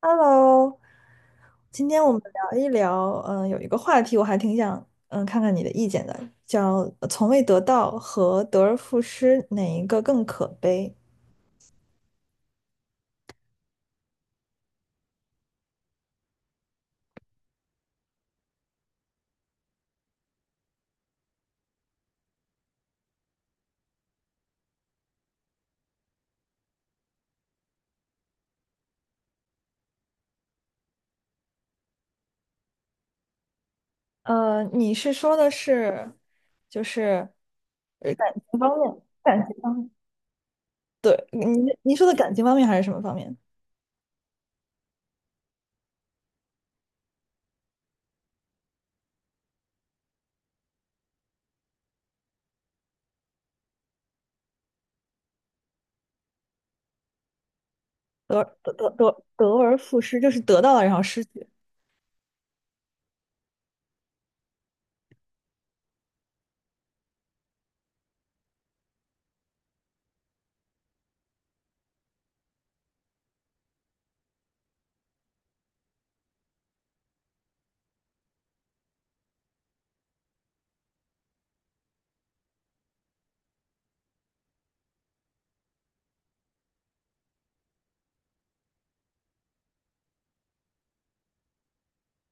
Hello，今天我们聊一聊，有一个话题我还挺想，看看你的意见的，叫从未得到”和“得而复失”哪一个更可悲？你是说的是，就是一方面，感情方面，对，你说的感情方面还是什么方面？得而复失，就是得到了然后失去。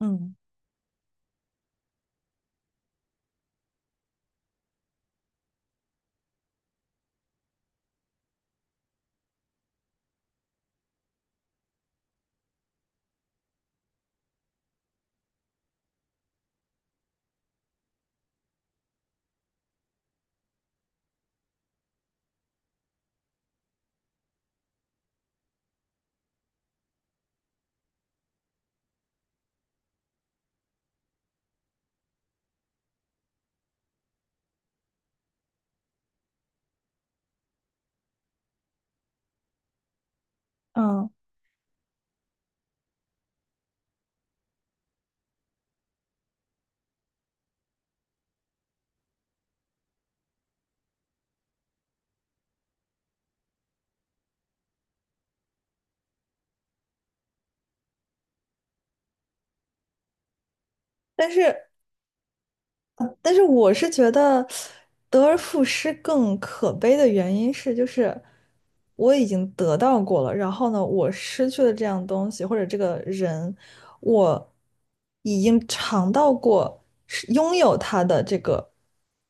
嗯嗯，但是但是我是觉得得而复失更可悲的原因是，就是我已经得到过了，然后呢，我失去了这样东西或者这个人，我已经尝到过是拥有他的这个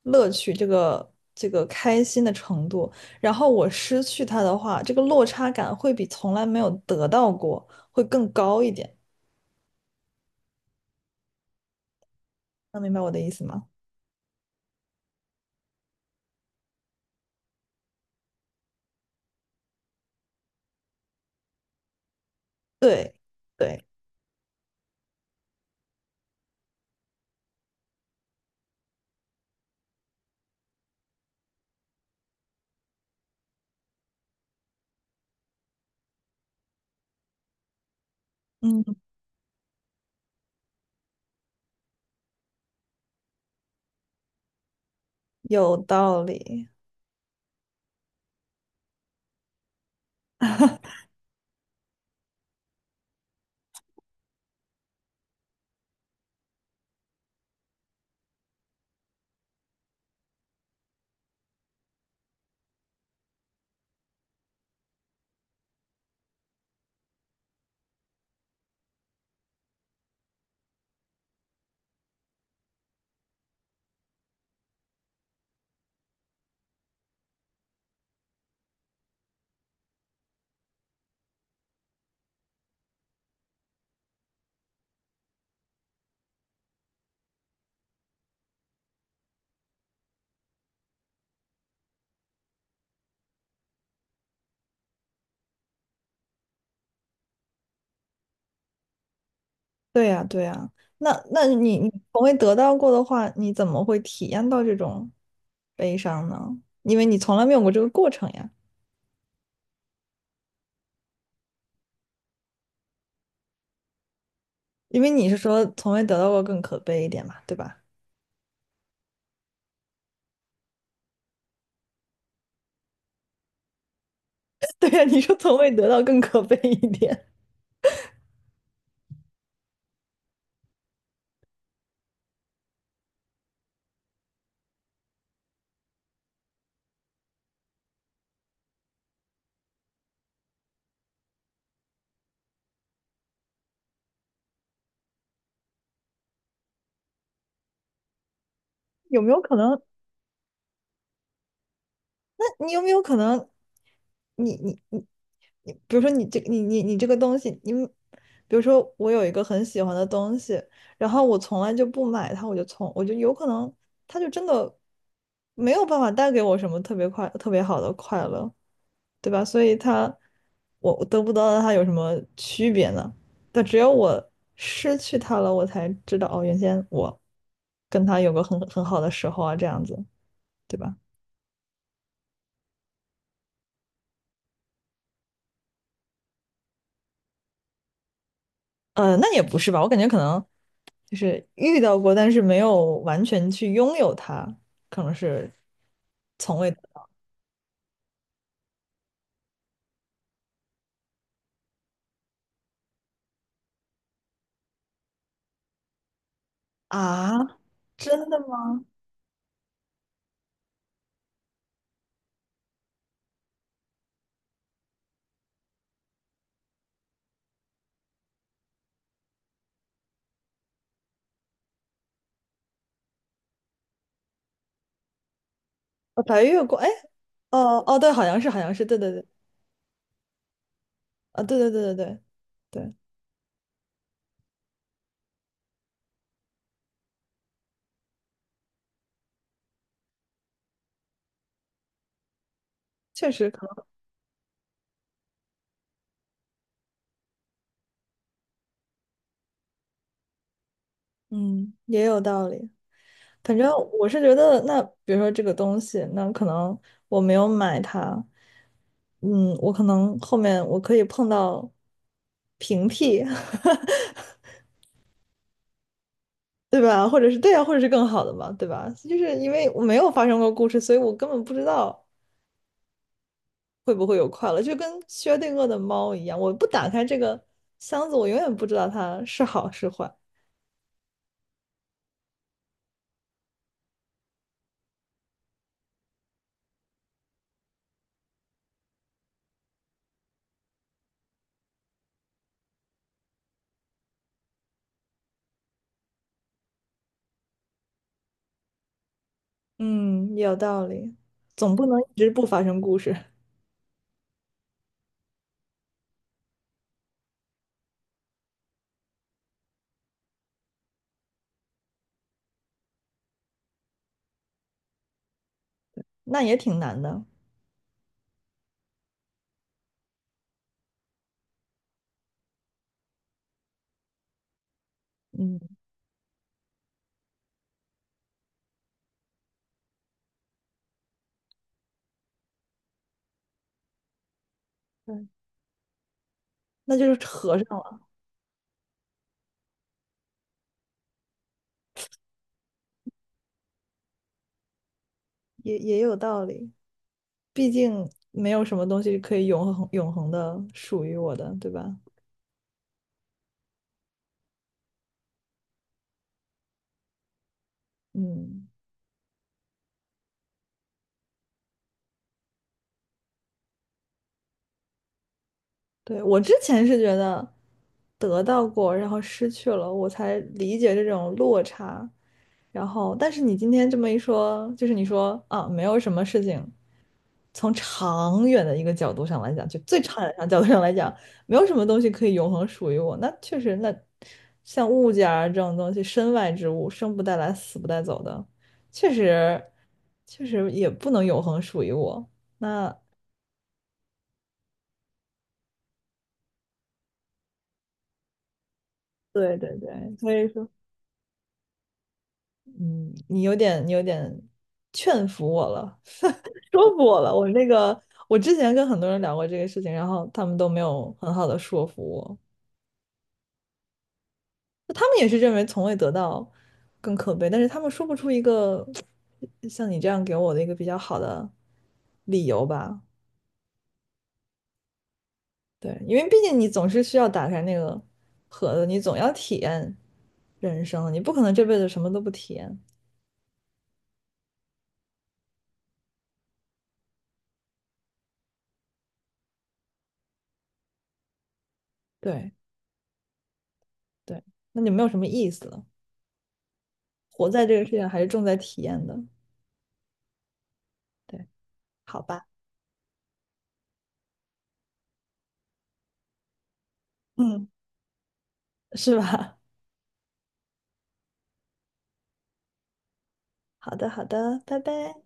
乐趣，这个开心的程度，然后我失去他的话，这个落差感会比从来没有得到过会更高一点。能明白我的意思吗？对，对，嗯，有道理。对呀，对呀，那你从未得到过的话，你怎么会体验到这种悲伤呢？因为你从来没有过这个过程呀。因为你是说从未得到过更可悲一点嘛，对吧？对呀，你说从未得到更可悲一点，有没有可能？那你有没有可能你，比如说你你你这个东西，你比如说我有一个很喜欢的东西，然后我从来就不买它，我就有可能它就真的没有办法带给我什么特别快特别好的快乐，对吧？所以它我得不到它有什么区别呢？但只有我失去它了，我才知道哦，原先我跟它有个很好的时候啊，这样子，对吧？那也不是吧，我感觉可能。就是遇到过，但是没有完全去拥有它，可能是从未得到啊？真的吗？白月光，哎，哦哦，对，好像是，好像是，对对对，啊，对对对对对对，确实可能，嗯，也有道理。反正我是觉得，那比如说这个东西，那可能我没有买它，嗯，我可能后面我可以碰到平替，对吧？或者是对啊，或者是更好的嘛，对吧？就是因为我没有发生过故事，所以我根本不知道会不会有快乐，就跟薛定谔的猫一样，我不打开这个箱子，我永远不知道它是好是坏。嗯，有道理，总不能一直不发生故事，那也挺难的。嗯，对，那就是合上了，也也有道理，毕竟没有什么东西可以永恒的属于我的，对吧？嗯。对，我之前是觉得得到过，然后失去了，我才理解这种落差。然后，但是你今天这么一说，就是你说啊，没有什么事情，从长远的一个角度上来讲，就最长远的角度上来讲，没有什么东西可以永恒属于我。那确实，那像物件儿这种东西，身外之物，生不带来，死不带走的，确实，确实也不能永恒属于我。那对对对，所以说。嗯，你有点，你有点劝服我了，说服我了。我那个，我之前跟很多人聊过这个事情，然后他们都没有很好的说服我。他们也是认为从未得到更可悲，但是他们说不出一个像你这样给我的一个比较好的理由吧？对，因为毕竟你总是需要打开那个盒子，你总要体验人生，你不可能这辈子什么都不体验。对对，那就没有什么意思了。活在这个世界上还是重在体验的。对，好吧，嗯，是吧？好的，好的，拜拜。